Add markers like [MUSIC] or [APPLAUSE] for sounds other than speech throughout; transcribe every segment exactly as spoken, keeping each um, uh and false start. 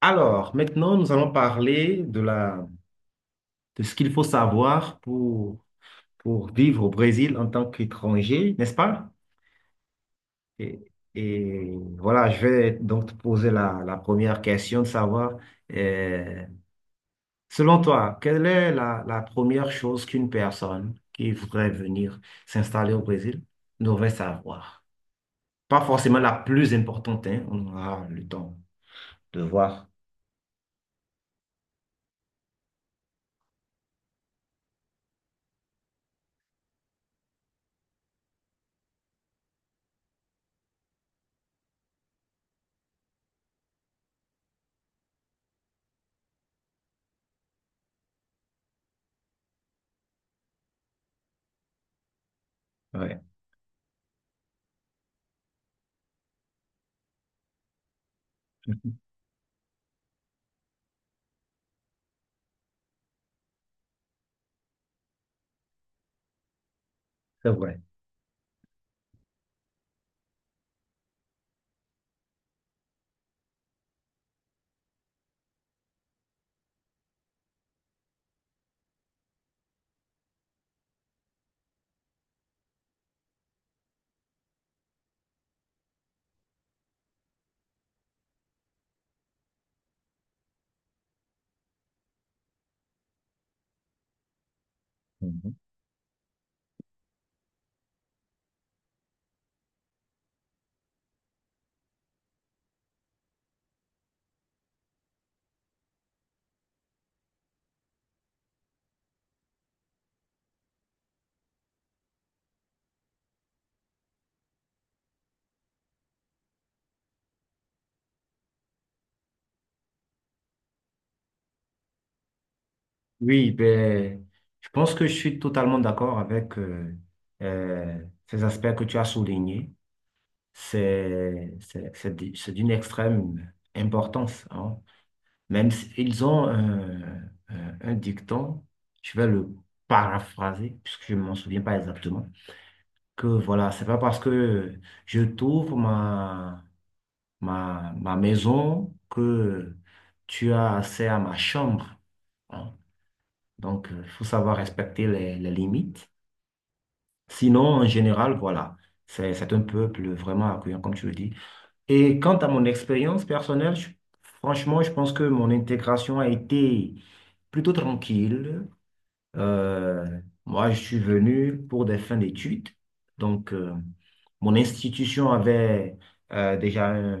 Alors, maintenant, nous allons parler de la, de ce qu'il faut savoir pour, pour vivre au Brésil en tant qu'étranger, n'est-ce pas? Et, et voilà, je vais donc te poser la, la première question de savoir, euh, selon toi, quelle est la, la première chose qu'une personne qui voudrait venir s'installer au Brésil devrait savoir? Pas forcément la plus importante, hein, on aura le temps de voir. Ouais, [LAUGHS] c'est vrai. Oui, ben, je pense que je suis totalement d'accord avec euh, euh, ces aspects que tu as soulignés. C'est, c'est, c'est d- c'est d'une extrême importance. Hein. Même s'ils ont un, un- un dicton, je vais le paraphraser, puisque je ne m'en souviens pas exactement, que voilà, c'est pas parce que je t'ouvre ma, ma, ma maison que tu as accès à ma chambre. Hein. Donc, il faut savoir respecter les, les limites. Sinon, en général, voilà, c'est, c'est un peuple vraiment accueillant, comme tu le dis. Et quant à mon expérience personnelle, je- franchement, je pense que mon intégration a été plutôt tranquille. Euh, moi, je suis venu pour des fins d'études. Donc, euh, mon institution avait euh, déjà un-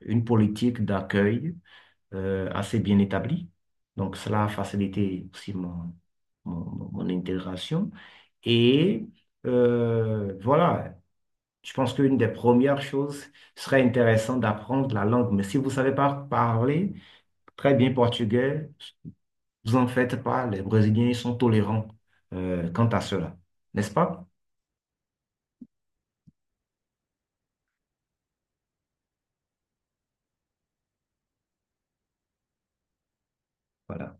une politique d'accueil euh, assez bien établi. Donc, cela a facilité aussi mon, mon, mon intégration. Et euh, voilà, je pense qu'une des premières choses serait intéressant d'apprendre la langue. Mais si vous ne savez pas parler très bien portugais, vous en faites pas. Les Brésiliens sont tolérants euh, quant à cela, n'est-ce pas? Voilà.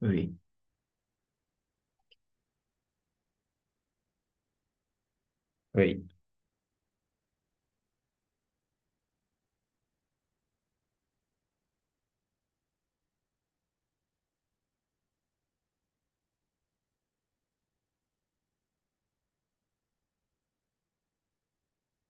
Oui, oui,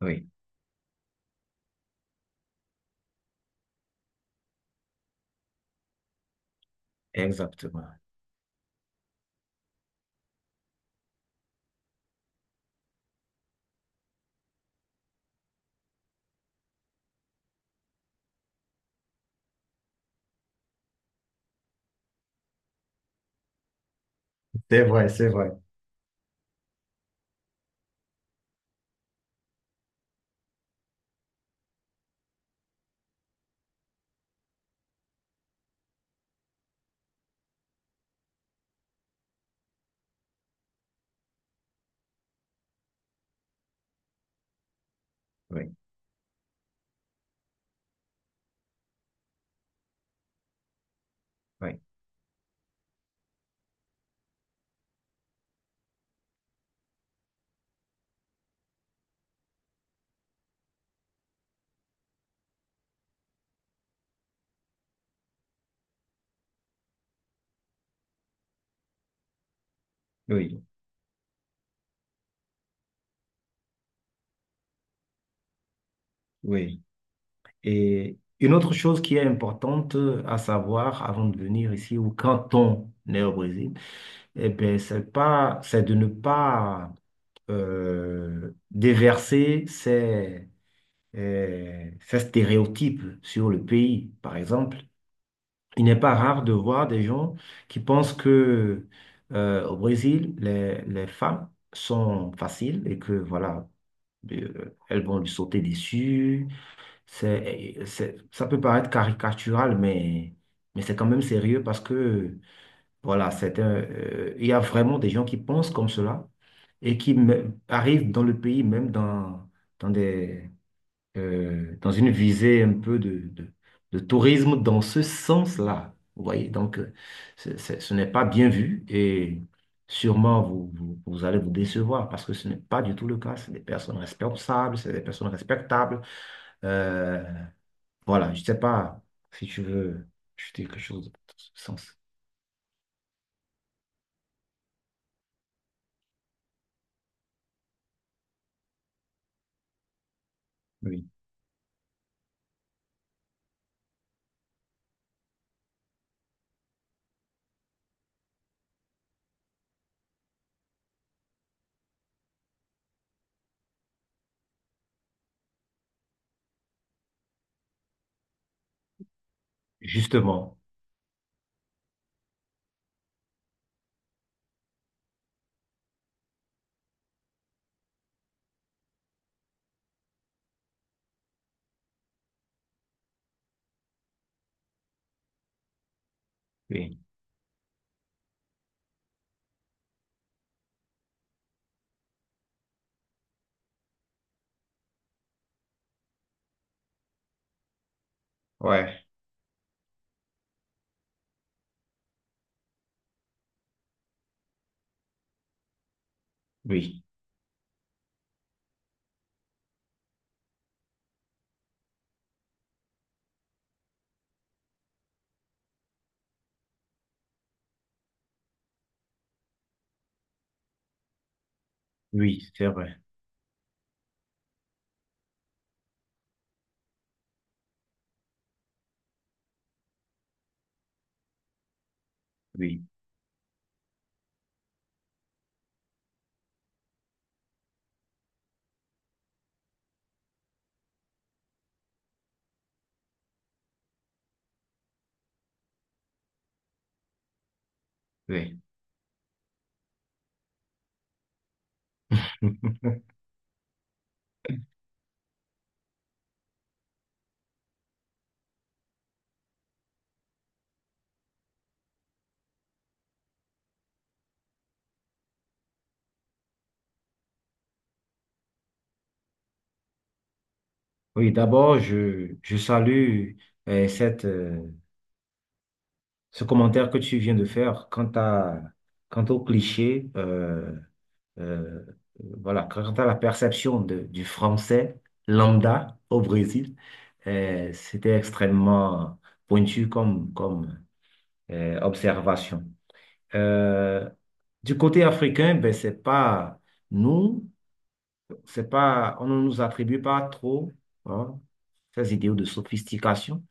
oui, exactement. C'est vrai, c'est vrai. Oui, oui, oui, oui. Et une autre chose qui est importante à savoir avant de venir ici ou quand on est au Brésil, eh ben, c'est pas, c'est de ne pas euh, déverser ces, euh, ces stéréotypes sur le pays. Par exemple, il n'est pas rare de voir des gens qui pensent que euh, au Brésil, les, les femmes sont faciles et que voilà, euh, elles vont lui sauter dessus c'est, c'est- ça peut paraître caricatural, mais, mais c'est quand même sérieux parce que, voilà, c'est un, euh, il y a vraiment des gens qui pensent comme cela et qui me- arrivent dans le pays, même dans, dans des, euh, dans une visée un peu de, de, de tourisme dans ce sens-là. Vous voyez, donc, euh, c'est- c'est- ce n'est pas bien vu et sûrement vous, vous, vous allez vous décevoir parce que ce n'est pas du tout le cas. C'est des personnes responsables, c'est des personnes respectables. Euh, voilà, je sais pas si tu veux ajouter quelque chose dans ce sens. Oui, justement. Oui, ouais, oui, oui, c'est vrai. Oui, oui. [LAUGHS] Oui, d'abord, je, je salue euh, cette, euh, ce commentaire que tu viens de faire quant à, quant au cliché, euh, euh, voilà, quant à la perception de- du français lambda au Brésil. Euh, c'était extrêmement pointu comme, comme euh, observation. Euh, du côté africain, ben, c'est pas nous, c'est pas, on ne nous attribue pas trop hein, ces idéaux de sophistication.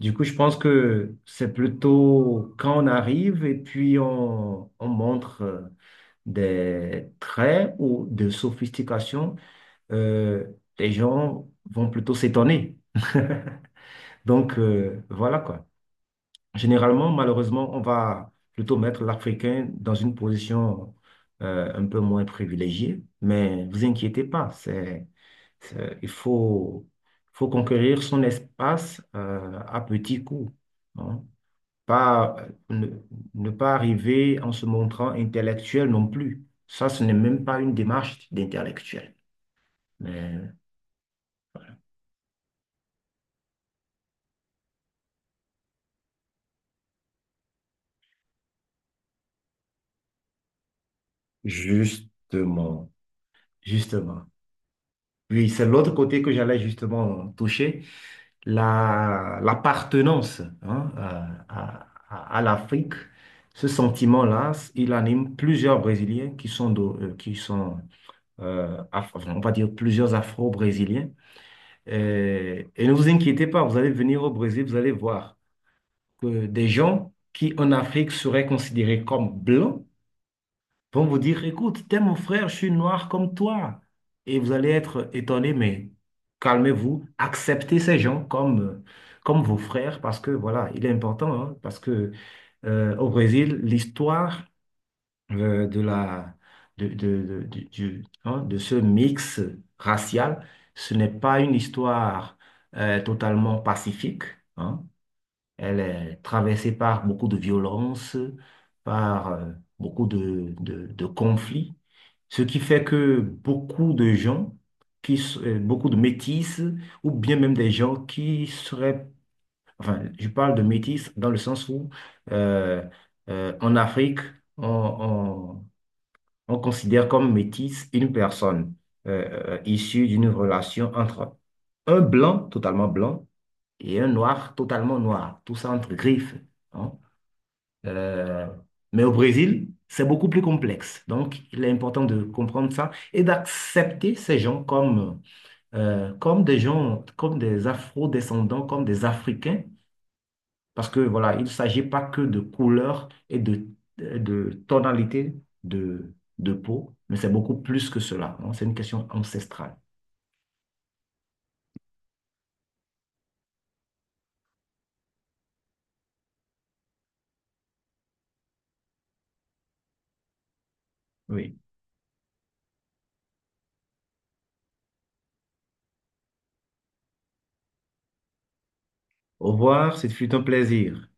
Du coup, je pense que c'est plutôt quand on arrive et puis on, on montre euh, des traits ou de sophistication, euh, les gens vont plutôt s'étonner. [LAUGHS] Donc, euh, voilà quoi. Généralement, malheureusement, on va plutôt mettre l'Africain dans une position euh, un peu moins privilégiée, mais vous inquiétez pas, c'est, c'est- il faut, faut conquérir son espace euh, à petits coups, hein. Pas, ne, ne pas arriver en se montrant intellectuel non plus. Ça, ce n'est même pas une démarche d'intellectuel. Mais justement, justement. Oui, c'est l'autre côté que j'allais justement toucher. la, l'appartenance hein, à, à- à l'Afrique, ce sentiment-là, il anime plusieurs Brésiliens qui sont, d'o- euh, qui sont euh, Af- enfin, on va dire plusieurs Afro-Brésiliens. Et, et ne vous inquiétez pas, vous allez venir au Brésil, vous allez voir que des gens qui en Afrique seraient considérés comme blancs, vont vous dire, écoute, t'es mon frère, je suis noir comme toi. Et vous allez être étonné, mais calmez-vous, acceptez ces gens comme, euh, comme vos frères, parce que voilà, il est important, hein, parce que euh, au Brésil, l'histoire euh, de la de, de, de, du- du- hein, de ce mix racial, ce n'est pas une histoire euh, totalement pacifique. Hein. Elle est traversée par beaucoup de violences, par euh, beaucoup de, de- de conflits, ce qui fait que beaucoup de gens, qui, s- euh, beaucoup de métis, ou bien même des gens qui seraient, enfin, je parle de métis dans le sens où euh, euh, en Afrique, on, on- on considère comme métis une personne euh, euh, issue d'une relation entre un blanc totalement blanc et un noir totalement noir, tout ça entre griffes. Hein. Euh, mais au Brésil, c'est beaucoup plus complexe. Donc, il est important de comprendre ça et d'accepter ces gens comme, euh, comme des gens, comme des Afro-descendants, comme des Africains, parce que voilà, il ne s'agit pas que de couleur et de, de tonalité de, de peau, mais c'est beaucoup plus que cela. Hein. C'est une question ancestrale. Oui. Au revoir, ce fut un plaisir.